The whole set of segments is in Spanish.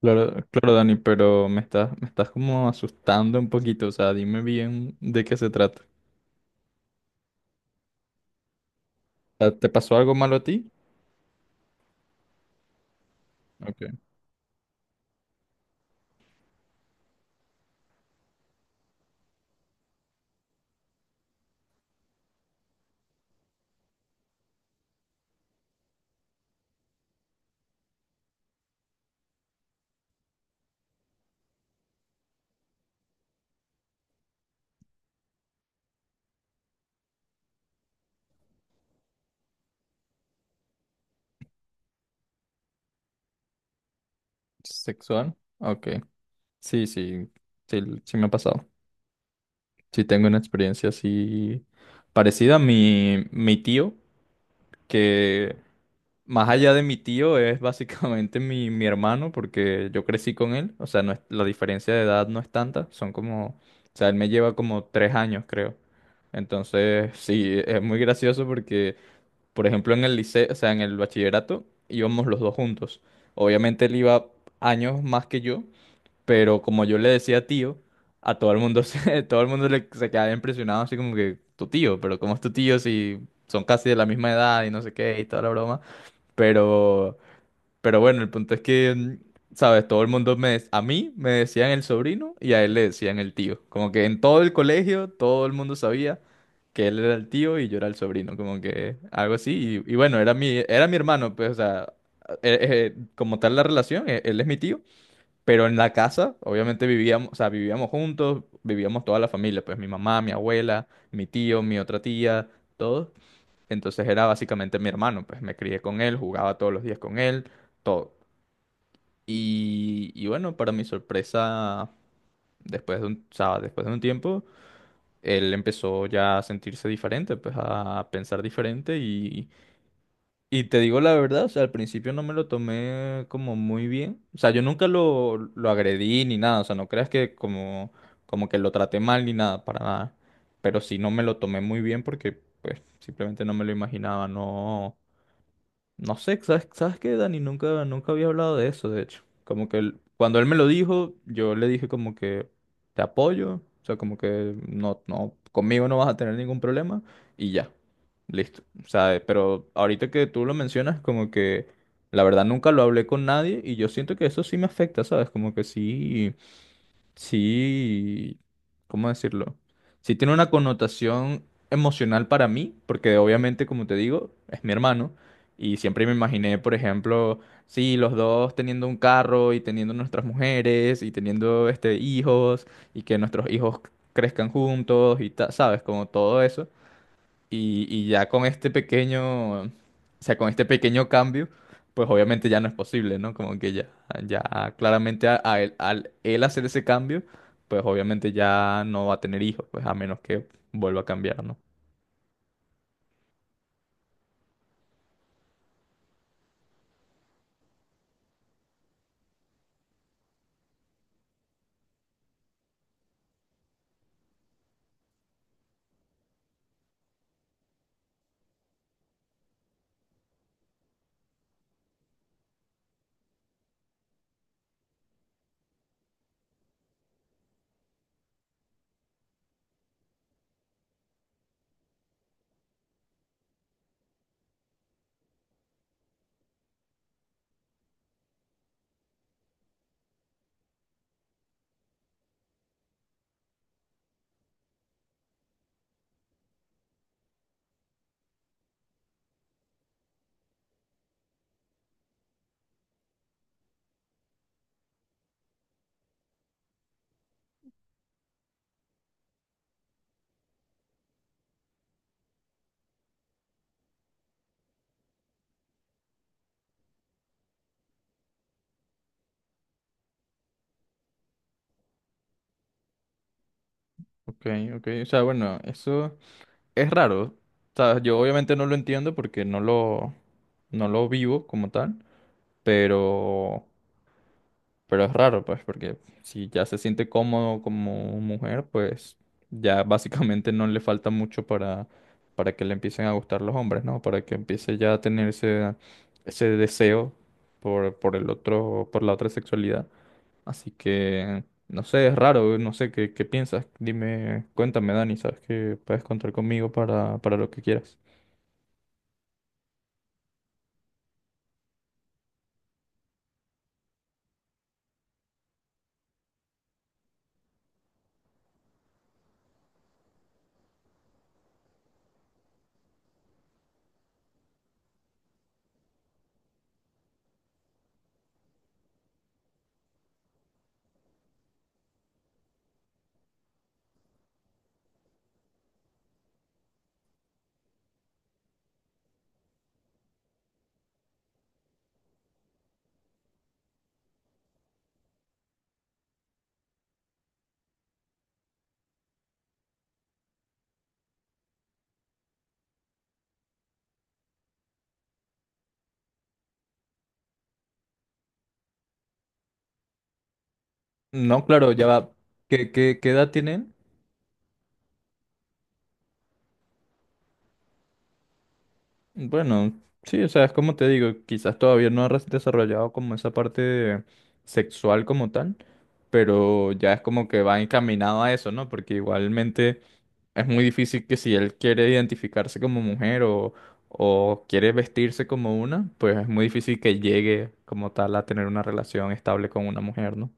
Claro, claro, Dani, pero me estás como asustando un poquito. O sea, dime bien de qué se trata. O ¿te pasó algo malo a ti? Ok. ¿Sexual? Ok. Sí, sí, sí, sí, me ha pasado. Sí tengo una experiencia así parecida. Mi tío que más allá de mi tío es básicamente mi hermano porque yo crecí con él, o sea, no es- la diferencia de edad no es tanta, son como, o sea, él me lleva como 3 años, creo. Entonces, sí, es muy gracioso porque, por ejemplo, en el liceo, o sea, en el bachillerato íbamos los dos juntos. Obviamente él iba años más que yo, pero como yo le decía tío, a todo el mundo se, todo el mundo le, se quedaba impresionado así como que tu tío, pero ¿cómo es tu tío si son casi de la misma edad y no sé qué y toda la broma? Pero, pero bueno, el punto es que, ¿sabes? Todo el mundo me, a mí me decían el sobrino y a él le decían el tío. Como que en todo el colegio todo el mundo sabía que él era el tío y yo era el sobrino, como que algo así. Y bueno, era mi hermano, pues, o sea, como tal la relación, él es mi tío, pero en la casa, obviamente vivíamos, o sea, vivíamos juntos, vivíamos toda la familia, pues mi mamá, mi abuela, mi tío, mi otra tía, todos. Entonces era básicamente mi hermano, pues me crié con él, jugaba todos los días con él, todo. Y bueno, para mi sorpresa, después de un, o sea, después de un tiempo, él empezó ya a sentirse diferente, pues a pensar diferente y te digo la verdad, o sea, al principio no me lo tomé como muy bien. O sea, yo nunca lo, lo agredí ni nada. O sea, no creas que como, como que lo traté mal ni nada, para nada. Pero sí no me lo tomé muy bien porque, pues, simplemente no me lo imaginaba. No. No sé, ¿sabes, sabes qué, Dani? Nunca, nunca había hablado de eso, de hecho. Como que cuando él me lo dijo, yo le dije como que te apoyo, o sea, como que no, no, conmigo no vas a tener ningún problema y ya, listo. O sea, pero ahorita que tú lo mencionas, como que la verdad nunca lo hablé con nadie y yo siento que eso sí me afecta, ¿sabes? Como que sí, ¿cómo decirlo? Sí tiene una connotación emocional para mí, porque obviamente, como te digo, es mi hermano, y siempre me imaginé, por ejemplo, sí, los dos teniendo un carro y teniendo nuestras mujeres y teniendo este hijos y que nuestros hijos crezcan juntos y sabes, como todo eso. Y ya con este pequeño, o sea, con este pequeño cambio, pues obviamente ya no es posible, ¿no? Como que ya, ya claramente al él hacer ese cambio, pues obviamente ya no va a tener hijos, pues a menos que vuelva a cambiar, ¿no? Ok, ok, o sea, bueno, eso es raro. O sea, yo obviamente no lo entiendo porque no lo, no lo vivo como tal, pero Pero es raro, pues, porque si ya se siente cómodo como mujer, pues ya básicamente no le falta mucho para que le empiecen a gustar los hombres, ¿no? Para que empiece ya a tener ese, ese deseo por el otro, por la otra sexualidad. Así que, no sé, es raro, no sé qué, qué piensas. Dime, cuéntame, Dani, sabes que puedes contar conmigo para lo que quieras. No, claro, ya va. ¿Qué, qué, qué edad tienen? Bueno, sí, o sea, es como te digo, quizás todavía no ha desarrollado como esa parte sexual como tal, pero ya es como que va encaminado a eso, ¿no? Porque igualmente es muy difícil que si él quiere identificarse como mujer o quiere vestirse como una, pues es muy difícil que llegue como tal a tener una relación estable con una mujer, ¿no?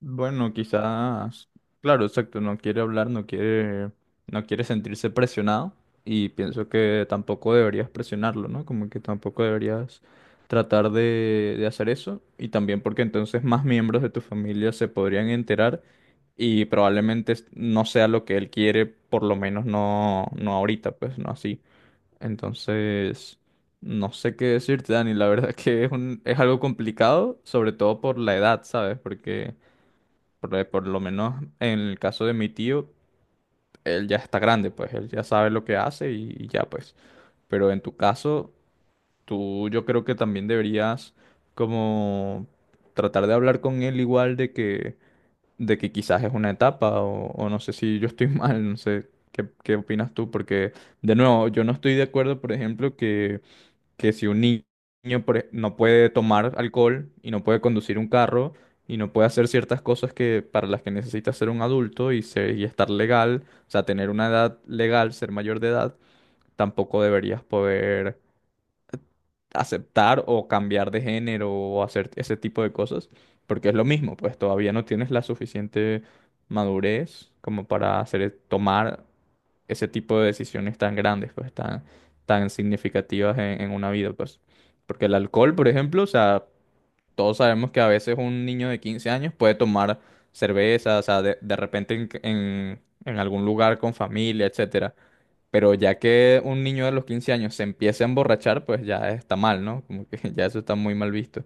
Bueno, quizás, claro, exacto, no quiere hablar, no quiere, no quiere sentirse presionado y pienso que tampoco deberías presionarlo, ¿no? Como que tampoco deberías tratar de hacer eso y también porque entonces más miembros de tu familia se podrían enterar y probablemente no sea lo que él quiere, por lo menos no, no ahorita, pues no así. Entonces, no sé qué decirte, Dani, la verdad que es un, es algo complicado, sobre todo por la edad, ¿sabes? Porque... por lo menos en el caso de mi tío, él ya está grande, pues él ya sabe lo que hace y ya pues. Pero en tu caso, tú yo creo que también deberías como tratar de hablar con él igual de que quizás es una etapa o no sé si yo estoy mal, no sé qué, qué opinas tú, porque de nuevo, yo no estoy de acuerdo, por ejemplo, que si un ni- no puede tomar alcohol y no puede conducir un carro y no puede hacer ciertas cosas que para las que necesita ser un adulto y, y estar legal, o sea, tener una edad legal, ser mayor de edad, tampoco deberías poder aceptar o cambiar de género o hacer ese tipo de cosas, porque es lo mismo, pues todavía no tienes la suficiente madurez como para hacer, tomar ese tipo de decisiones tan grandes, pues tan, tan significativas en una vida, pues. Porque el alcohol, por ejemplo, o sea, todos sabemos que a veces un niño de 15 años puede tomar cerveza, o sea, de repente en, en algún lugar con familia, etcétera. Pero ya que un niño de los 15 años se empiece a emborrachar, pues ya está mal, ¿no? Como que ya eso está muy mal visto.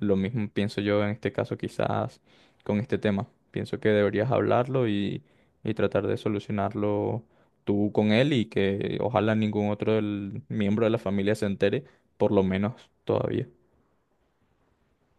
Lo mismo pienso yo en este caso quizás con este tema. Pienso que deberías hablarlo y tratar de solucionarlo tú con él y que ojalá ningún otro miembro de la familia se entere, por lo menos todavía.